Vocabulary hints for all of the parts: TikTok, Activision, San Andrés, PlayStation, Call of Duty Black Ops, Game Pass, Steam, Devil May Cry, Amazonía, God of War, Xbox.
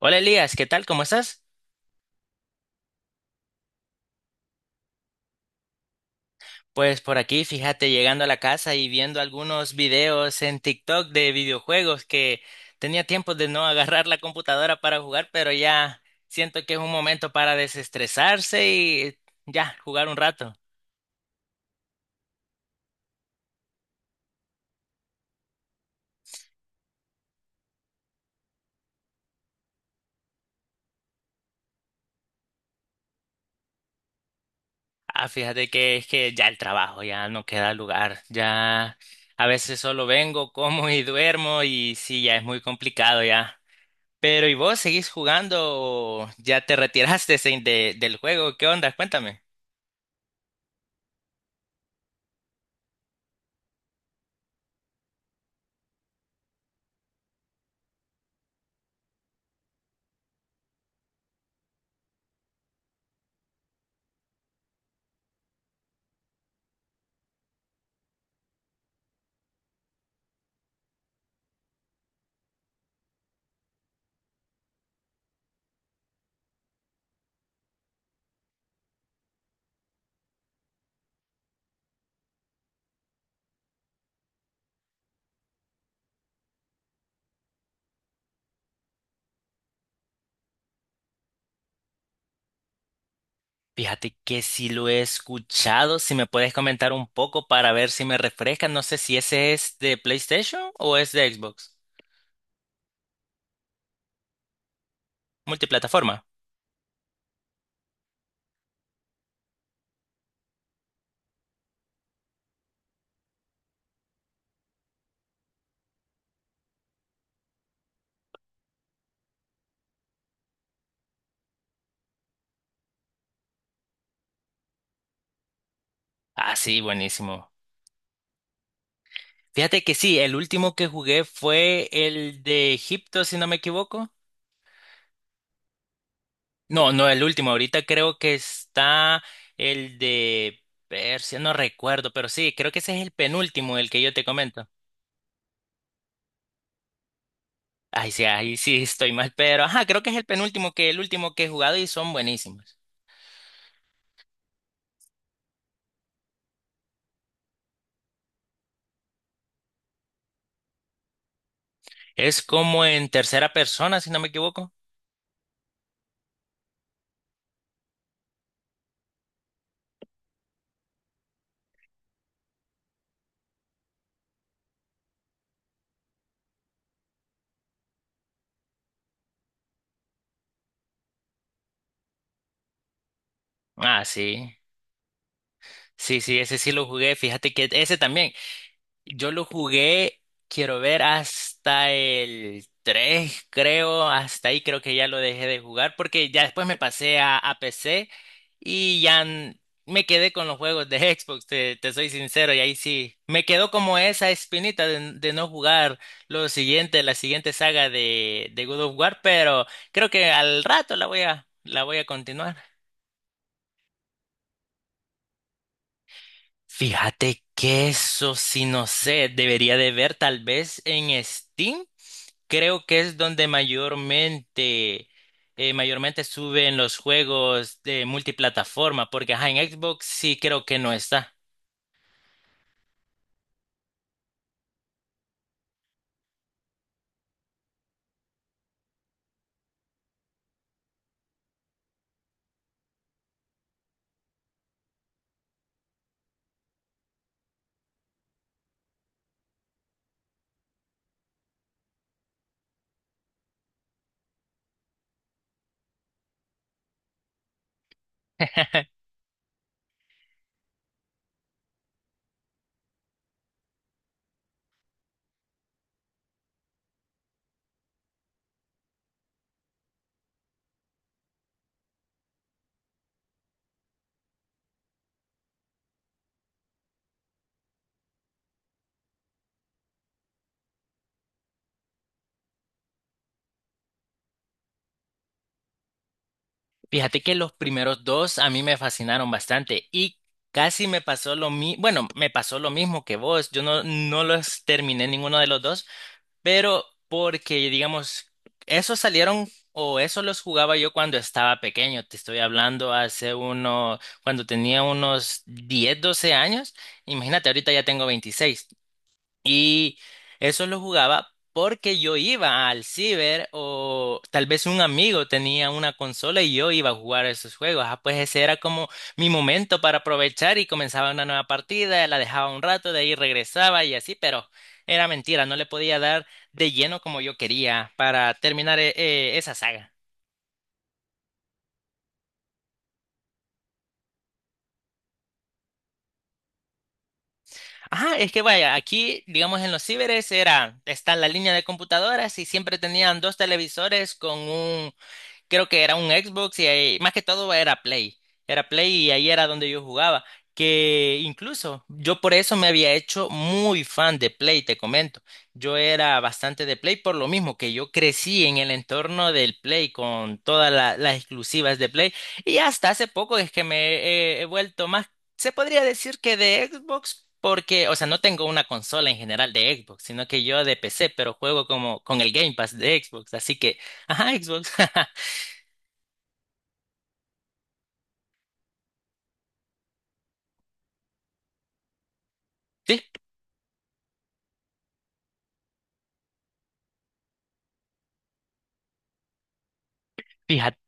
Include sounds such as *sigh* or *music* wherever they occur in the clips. Hola Elías, ¿qué tal? ¿Cómo estás? Pues por aquí, fíjate, llegando a la casa y viendo algunos videos en TikTok de videojuegos que tenía tiempo de no *laughs* agarrar la computadora para jugar, pero ya siento que es un momento para desestresarse y ya jugar un rato. Ah, fíjate que es que ya el trabajo, ya no queda lugar, ya a veces solo vengo, *laughs* como y duermo y sí, ya es muy complicado ya. Pero ¿y vos seguís jugando o ya te retiraste *laughs* del juego? ¿Qué onda? Cuéntame. Fíjate que si lo he escuchado, si me puedes comentar un poco para ver si me refresca, no sé si ese es de PlayStation o es de Xbox. Multiplataforma. Ah, sí, buenísimo. Fíjate que sí, el último que jugué fue el de Egipto, si no me equivoco. No, no, el último. Ahorita creo que está el de Persia, no recuerdo, pero sí, creo que ese es el penúltimo, el que yo te comento. Ay, sí, ahí sí estoy mal, pero ajá, creo que es el penúltimo que el último que he jugado y son buenísimos. Es como en tercera persona, si no me equivoco. Ah, sí. Sí, sí, ese sí lo jugué. Fíjate que ese también. Yo lo jugué, quiero ver, hasta el 3, creo, hasta ahí creo que ya lo dejé de jugar porque ya después me pasé a, PC y ya me quedé con los juegos de *laughs* Xbox, te soy sincero, y ahí sí, me quedó como esa espinita de, de no jugar lo siguiente, la siguiente saga de God of War, pero creo que al rato la voy a continuar. Fíjate que eso sí no sé, debería de ver tal vez en Steam. Creo que es donde mayormente, mayormente suben los juegos de multiplataforma, porque ajá, en Xbox sí creo que no está. *laughs* Fíjate que los primeros dos a mí me fascinaron bastante y casi me pasó lo mismo, bueno, me pasó lo mismo que vos, yo no los terminé ninguno de los dos. Pero porque, digamos, esos salieron o esos los jugaba yo cuando estaba pequeño. Te estoy hablando hace uno, cuando tenía unos 10 12 años. Imagínate, ahorita ya tengo 26 y eso lo jugaba porque yo iba al ciber o tal vez un amigo tenía una consola y yo iba a jugar esos juegos. Ah, pues ese era como mi momento para aprovechar y comenzaba una nueva partida, la dejaba un rato, de ahí regresaba y así, pero era mentira, no le podía dar de lleno como yo quería para terminar esa saga. Ajá, es que vaya, aquí, digamos, en los ciberes era, está la línea de computadoras y siempre tenían dos televisores con un creo que era un Xbox y ahí- más que todo era Play. Era Play y ahí era donde yo jugaba. Que incluso yo por eso me había hecho muy fan de Play, te comento. Yo era bastante de Play por lo mismo que yo crecí en el entorno del Play con todas las exclusivas de Play. Y hasta hace poco es que me he vuelto más, se podría decir que de Xbox. Porque, o sea, no tengo una consola en general de Xbox, sino que yo de PC, pero juego como con el Game Pass de Xbox, así que, ajá, Xbox. *laughs* Sí, fíjate,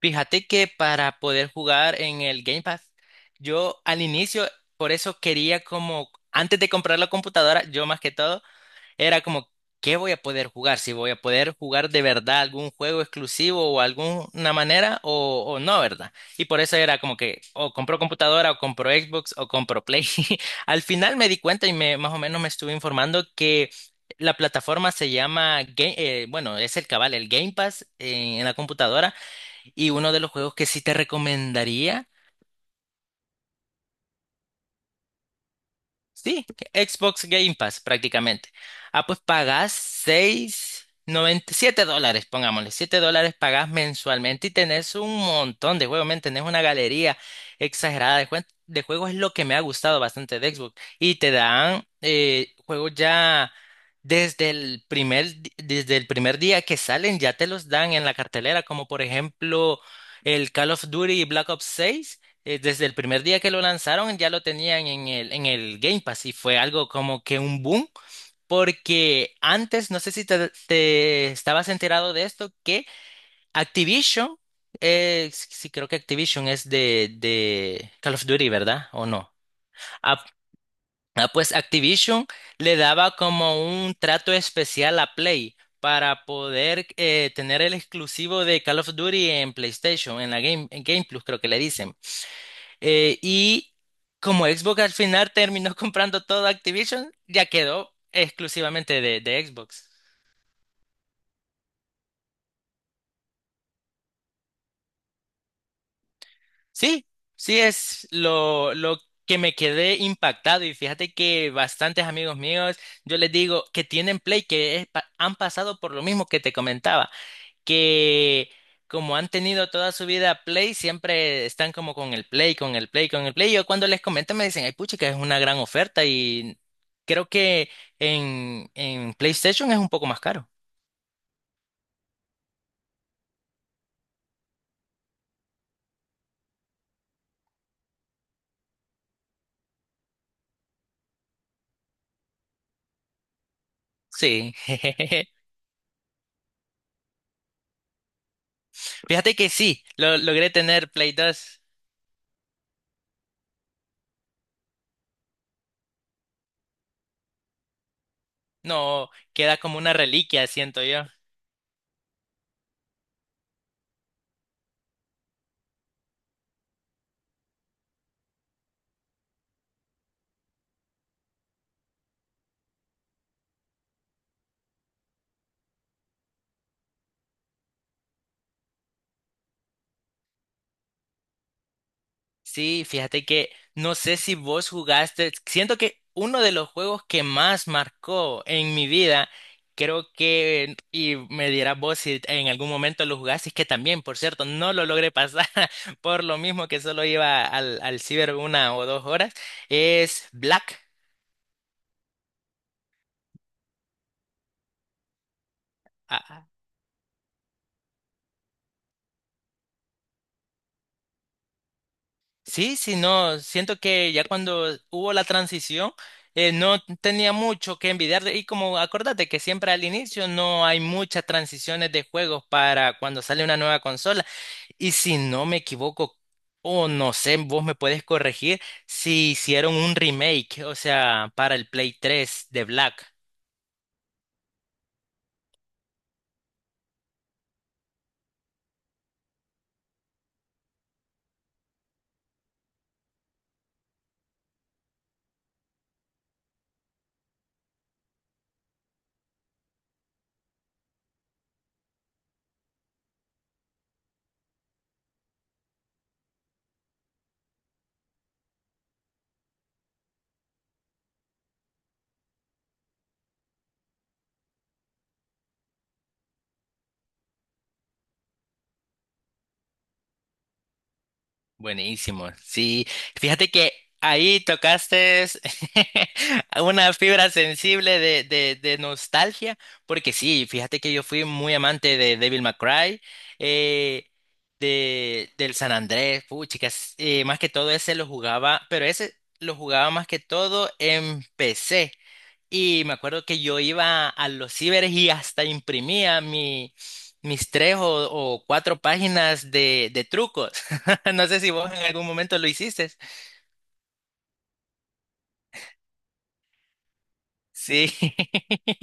fíjate que para poder jugar en el Game Pass, yo al inicio, por eso quería como, antes de comprar la computadora, yo más que todo, era como, ¿qué voy a poder jugar? Si voy a poder jugar de verdad algún juego exclusivo o alguna manera o no, ¿verdad? Y por eso era como que, o compro computadora o compro Xbox o compro Play. *laughs* Al final me di cuenta y me, más o menos me estuve informando que. La plataforma se llama, bueno, es el cabal, el Game Pass en la computadora. Y uno de los juegos que sí te recomendaría, sí, Xbox Game Pass prácticamente. Ah, pues pagás seis noventa siete dólares, pongámosle, 7 dólares pagás mensualmente y tenés un montón de juegos, men, tenés una galería exagerada de, de juegos, es lo que me ha gustado bastante de Xbox. Y te dan juegos ya desde el primer, desde el primer día que salen, ya te los dan en la cartelera, como por ejemplo el Call of Duty Black Ops seis desde el primer día que lo lanzaron ya lo tenían en el Game Pass y fue algo como que un boom, porque antes, no sé si te estabas enterado de esto, que Activision, sí sí creo que Activision es de Call of Duty, ¿verdad? ¿O no? Ah, ah, pues Activision le daba como un trato especial a Play, para poder tener el exclusivo de Call of Duty en PlayStation, en la en Game Plus creo que le dicen. Y como Xbox al final terminó *laughs* comprando todo Activision, ya quedó exclusivamente de Xbox. Sí, sí es lo que me quedé impactado y fíjate que bastantes amigos míos, yo les digo que tienen Play, que es han pasado por lo mismo que te comentaba, que como han tenido toda su vida Play, siempre están como con el Play, con el Play, con el Play. Yo cuando les comento me dicen, ay, pucha, que es una gran oferta y creo que en PlayStation es un poco más caro. Sí, *laughs* fíjate que sí, logré tener Play dos. No, queda como una reliquia, siento yo. Sí, fíjate que no sé si vos jugaste, siento que uno de los juegos que más marcó en mi vida, creo que, y me dirás vos si en algún momento lo jugaste, es que también, por cierto, no lo logré pasar *laughs* por lo mismo que solo iba al ciber una o dos horas, es Black. Sí, sí, no, siento que ya cuando hubo la transición, no tenía mucho que envidiarle. Y como acordate que siempre al inicio no hay muchas transiciones de juegos para cuando sale una nueva consola. Y si no me equivoco, o no sé, vos me puedes corregir, si hicieron un remake, o sea, para el Play 3 de Black. Buenísimo. Sí, fíjate que ahí tocaste *laughs* una fibra sensible de, de nostalgia, porque sí, fíjate que yo fui muy amante de Devil May Cry, eh, de, del San Andrés, puh, chicas, más que todo ese lo jugaba, pero ese lo jugaba más que todo en PC. Y me acuerdo que yo iba a los ciberes y hasta imprimía mi, mis tres o cuatro páginas de trucos. *laughs* No sé si vos en algún momento lo hiciste. Sí, *laughs*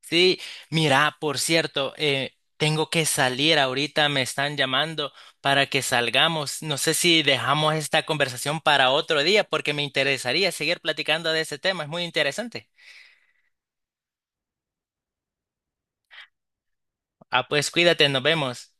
sí. Mira, por cierto, tengo que salir ahorita, me están llamando para que salgamos. No sé si dejamos esta conversación para otro día porque me interesaría seguir platicando de ese tema, es muy interesante. Ah, pues cuídate, nos vemos.